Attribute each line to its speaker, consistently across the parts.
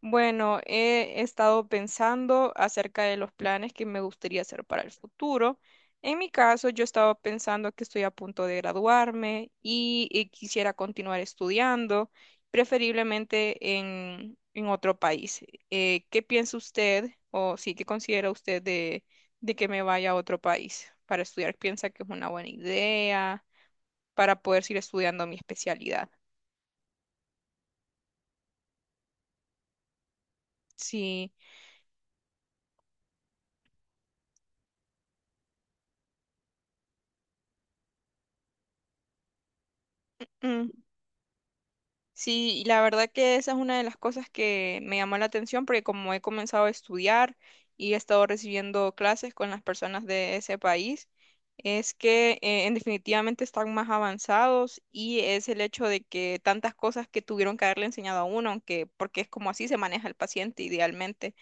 Speaker 1: Bueno, he estado pensando acerca de los planes que me gustaría hacer para el futuro. En mi caso, yo estaba pensando que estoy a punto de graduarme y quisiera continuar estudiando, preferiblemente en otro país. ¿Qué piensa usted o sí, qué considera usted de que me vaya a otro país para estudiar? ¿Piensa que es una buena idea para poder seguir estudiando mi especialidad? Sí. Mm, sí, y la verdad que esa es una de las cosas que me llamó la atención porque como he comenzado a estudiar y he estado recibiendo clases con las personas de ese país, es que en definitivamente están más avanzados y es el hecho de que tantas cosas que tuvieron que haberle enseñado a uno, aunque porque es como así se maneja el paciente idealmente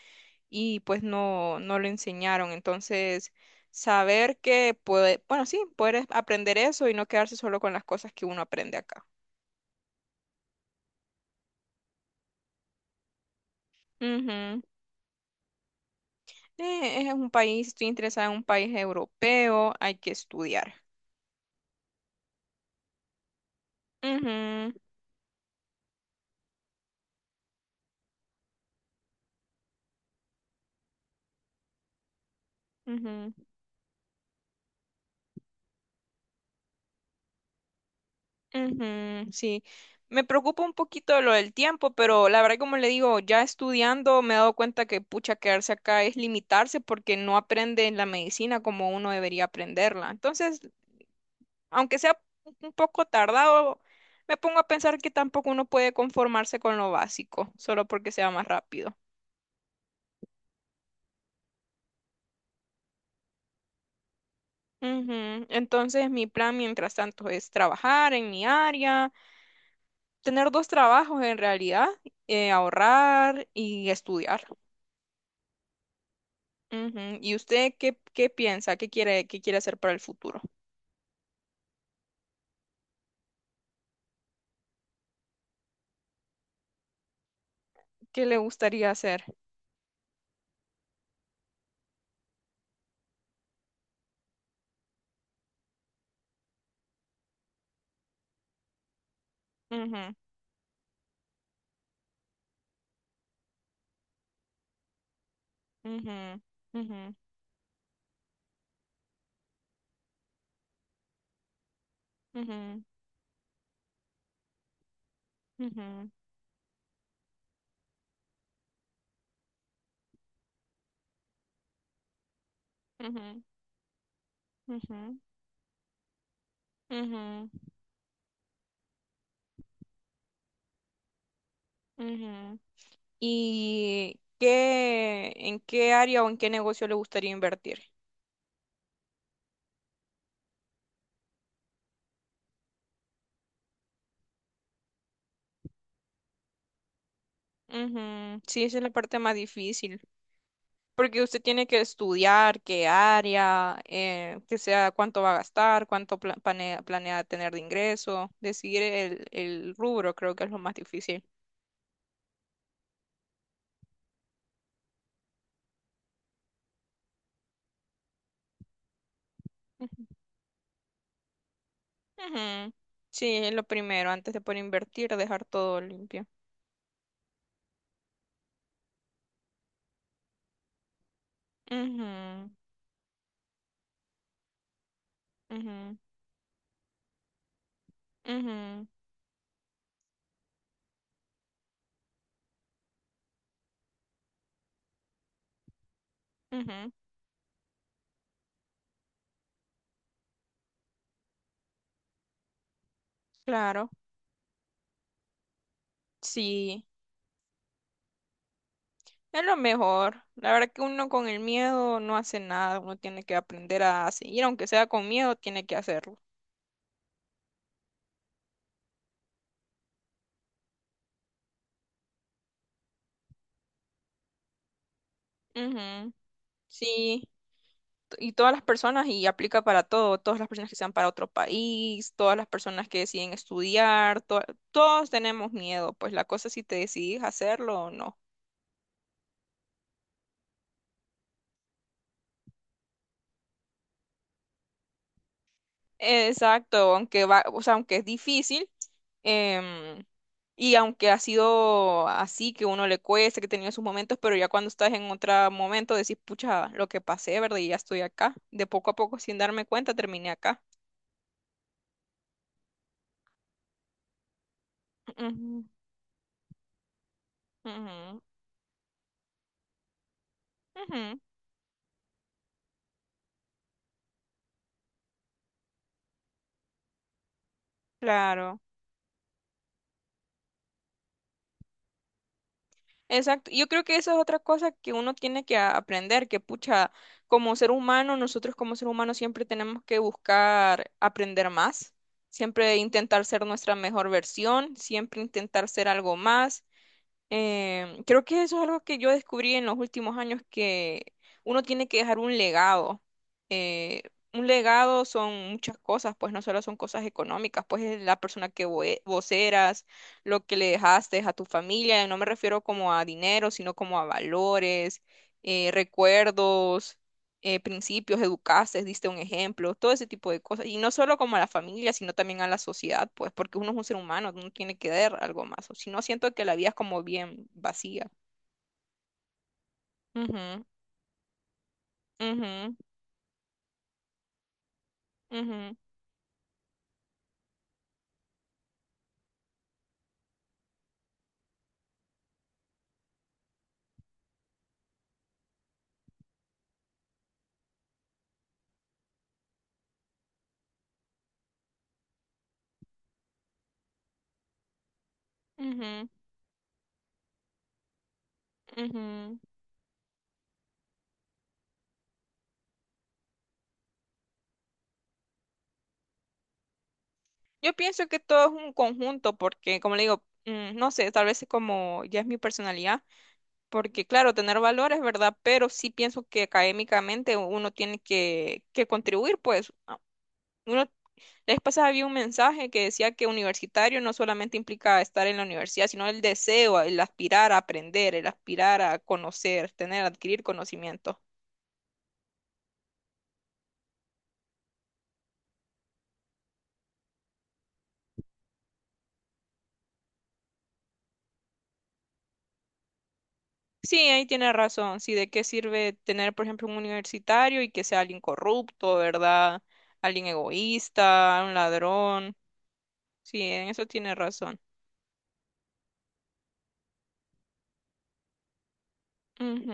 Speaker 1: y pues no lo enseñaron, entonces saber que puede, bueno, sí, poder aprender eso y no quedarse solo con las cosas que uno aprende acá. Ujú. Es un país, estoy interesada en un país europeo, hay que estudiar. Ujú, ujú, ujú, sí, me preocupa un poquito lo del tiempo, pero la verdad, como le digo, ya estudiando me he dado cuenta que pucha, quedarse acá es limitarse porque no aprende la medicina como uno debería aprenderla. Entonces, aunque sea un poco tardado, me pongo a pensar que tampoco uno puede conformarse con lo básico, solo porque sea más rápido. Ujú. Entonces, mi plan mientras tanto es trabajar en mi área, tener dos trabajos en realidad, ahorrar y estudiar. Ujú. ¿Y usted qué, qué piensa? Qué quiere hacer para el futuro? ¿Qué le gustaría hacer? Ujú, ujú, ujú, ujú, ujú, ujú, ujú, ujú, ujú. ¿Y qué, en qué área o en qué negocio le gustaría invertir? Ujú. Sí, esa es la parte más difícil. Porque usted tiene que estudiar qué área, que sea cuánto va a gastar, planea, planea tener de ingreso, decidir el rubro creo que es lo más difícil. Ujú. Ujú. Sí, es lo primero, antes de poder invertir, dejar todo limpio. Ujú, ujú, ujú, ujú. Claro, sí, es lo mejor. La verdad que uno con el miedo no hace nada, uno tiene que aprender a seguir, aunque sea con miedo, tiene que hacerlo. Ujú, sí, y todas las personas y aplica para todo, todas las personas que sean para otro país, todas las personas que deciden estudiar, todos tenemos miedo, pues la cosa es si te decidís hacerlo o no. Exacto, aunque va, o sea, aunque es difícil, em, y aunque ha sido así que uno le cuesta, que ha tenido sus momentos, pero ya cuando estás en otro momento decís, pucha, lo que pasé, ¿verdad? Y ya estoy acá. De poco a poco, sin darme cuenta, terminé acá. Ujú, ujú, ujú, claro. Exacto. Yo creo que eso es otra cosa que uno tiene aprender, que pucha, como ser humano, nosotros como ser humano siempre tenemos que buscar aprender más, siempre intentar ser nuestra mejor versión, siempre intentar ser algo más. Creo que eso es algo que yo descubrí en los últimos años, que uno tiene que dejar un legado. Eh, un legado son muchas cosas, pues no solo son cosas económicas, pues es la persona vos eras, lo que le dejaste a tu familia, y no me refiero como a dinero, sino como a valores, recuerdos, principios, educaste, diste un ejemplo, todo ese tipo de cosas. Y no solo como a la familia, sino también a la sociedad, pues, porque uno es un ser humano, uno tiene que dar algo más. O si no, siento que la vida es como bien vacía. Ujú, ujú, ujú, ujú, ujú. Yo pienso que todo es un conjunto, porque, como le digo, mm, no sé, tal vez es como ya es mi personalidad, porque claro, tener valores, ¿verdad? Pero sí pienso que académicamente uno tiene que contribuir, pues, a- uno. La vez pasada había un mensaje que decía que universitario no solamente implica estar en la universidad, sino el deseo, el aspirar a aprender, el aspirar a conocer, tener, adquirir conocimiento. Sí, ahí tiene razón. Sí, ¿de qué sirve tener, por ejemplo, un universitario y que sea alguien corrupto, ¿verdad? Alguien egoísta, un ladrón. Sí, en eso tiene razón. Ujú,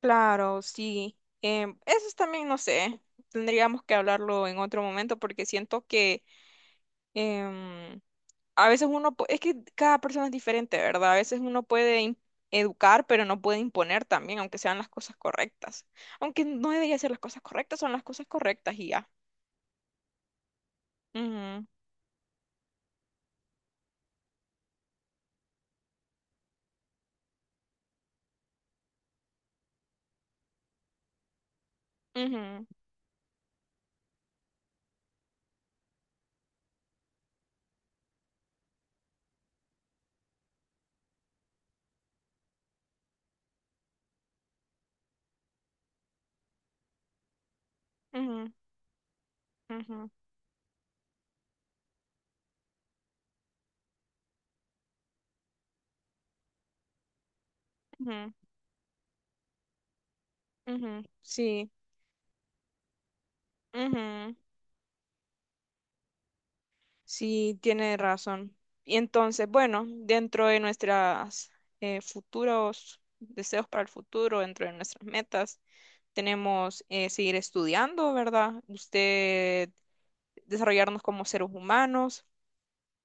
Speaker 1: claro, sí. Eso es también, no sé, tendríamos que hablarlo en otro momento porque siento que a veces uno, es que cada persona es diferente, ¿verdad? A veces uno educar, pero no puede imponer también, aunque sean las cosas correctas. Aunque no debería ser las cosas correctas, son las cosas correctas y ya. Ujú, ujú, ujú, ujú, ujú, ujú. Sí, ujú. Sí, tiene razón. Y entonces, bueno, dentro de nuestras futuros deseos para el futuro, dentro de nuestras metas, tenemos seguir estudiando, ¿verdad? Usted desarrollarnos como seres humanos,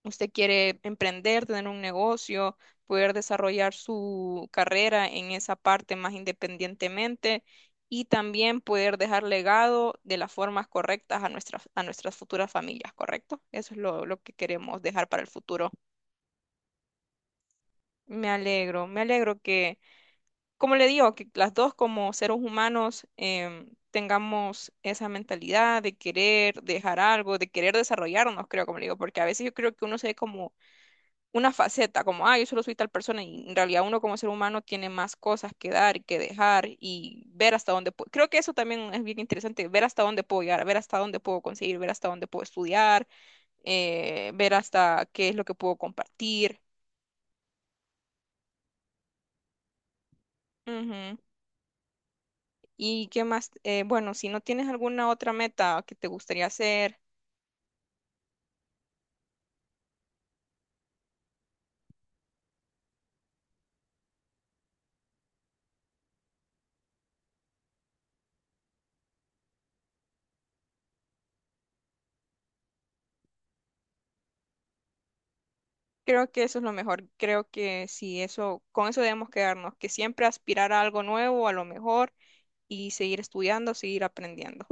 Speaker 1: usted quiere emprender, tener un negocio, poder desarrollar su carrera en esa parte más independientemente y también poder dejar legado de las formas correctas a nuestras futuras familias, ¿correcto? Eso es lo que queremos dejar para el futuro. Me alegro que como le digo, que las dos como seres humanos tengamos esa mentalidad de querer dejar algo, de querer desarrollarnos, creo, como le digo, porque a veces yo creo que uno se ve como una faceta, como, ah, yo solo soy tal persona, y en realidad uno como ser humano tiene más cosas que dar y que dejar y ver hasta dónde puedo. Creo que eso también es bien interesante, ver hasta dónde puedo llegar, ver hasta dónde puedo conseguir, ver hasta dónde puedo estudiar, ver hasta qué es lo que puedo compartir. Ujú. ¿Y qué más? Bueno, si no tienes alguna otra meta que te gustaría hacer, creo que eso es lo mejor. Creo que si eso, con eso debemos quedarnos, que siempre aspirar a algo nuevo, a lo mejor, y seguir estudiando, seguir aprendiendo.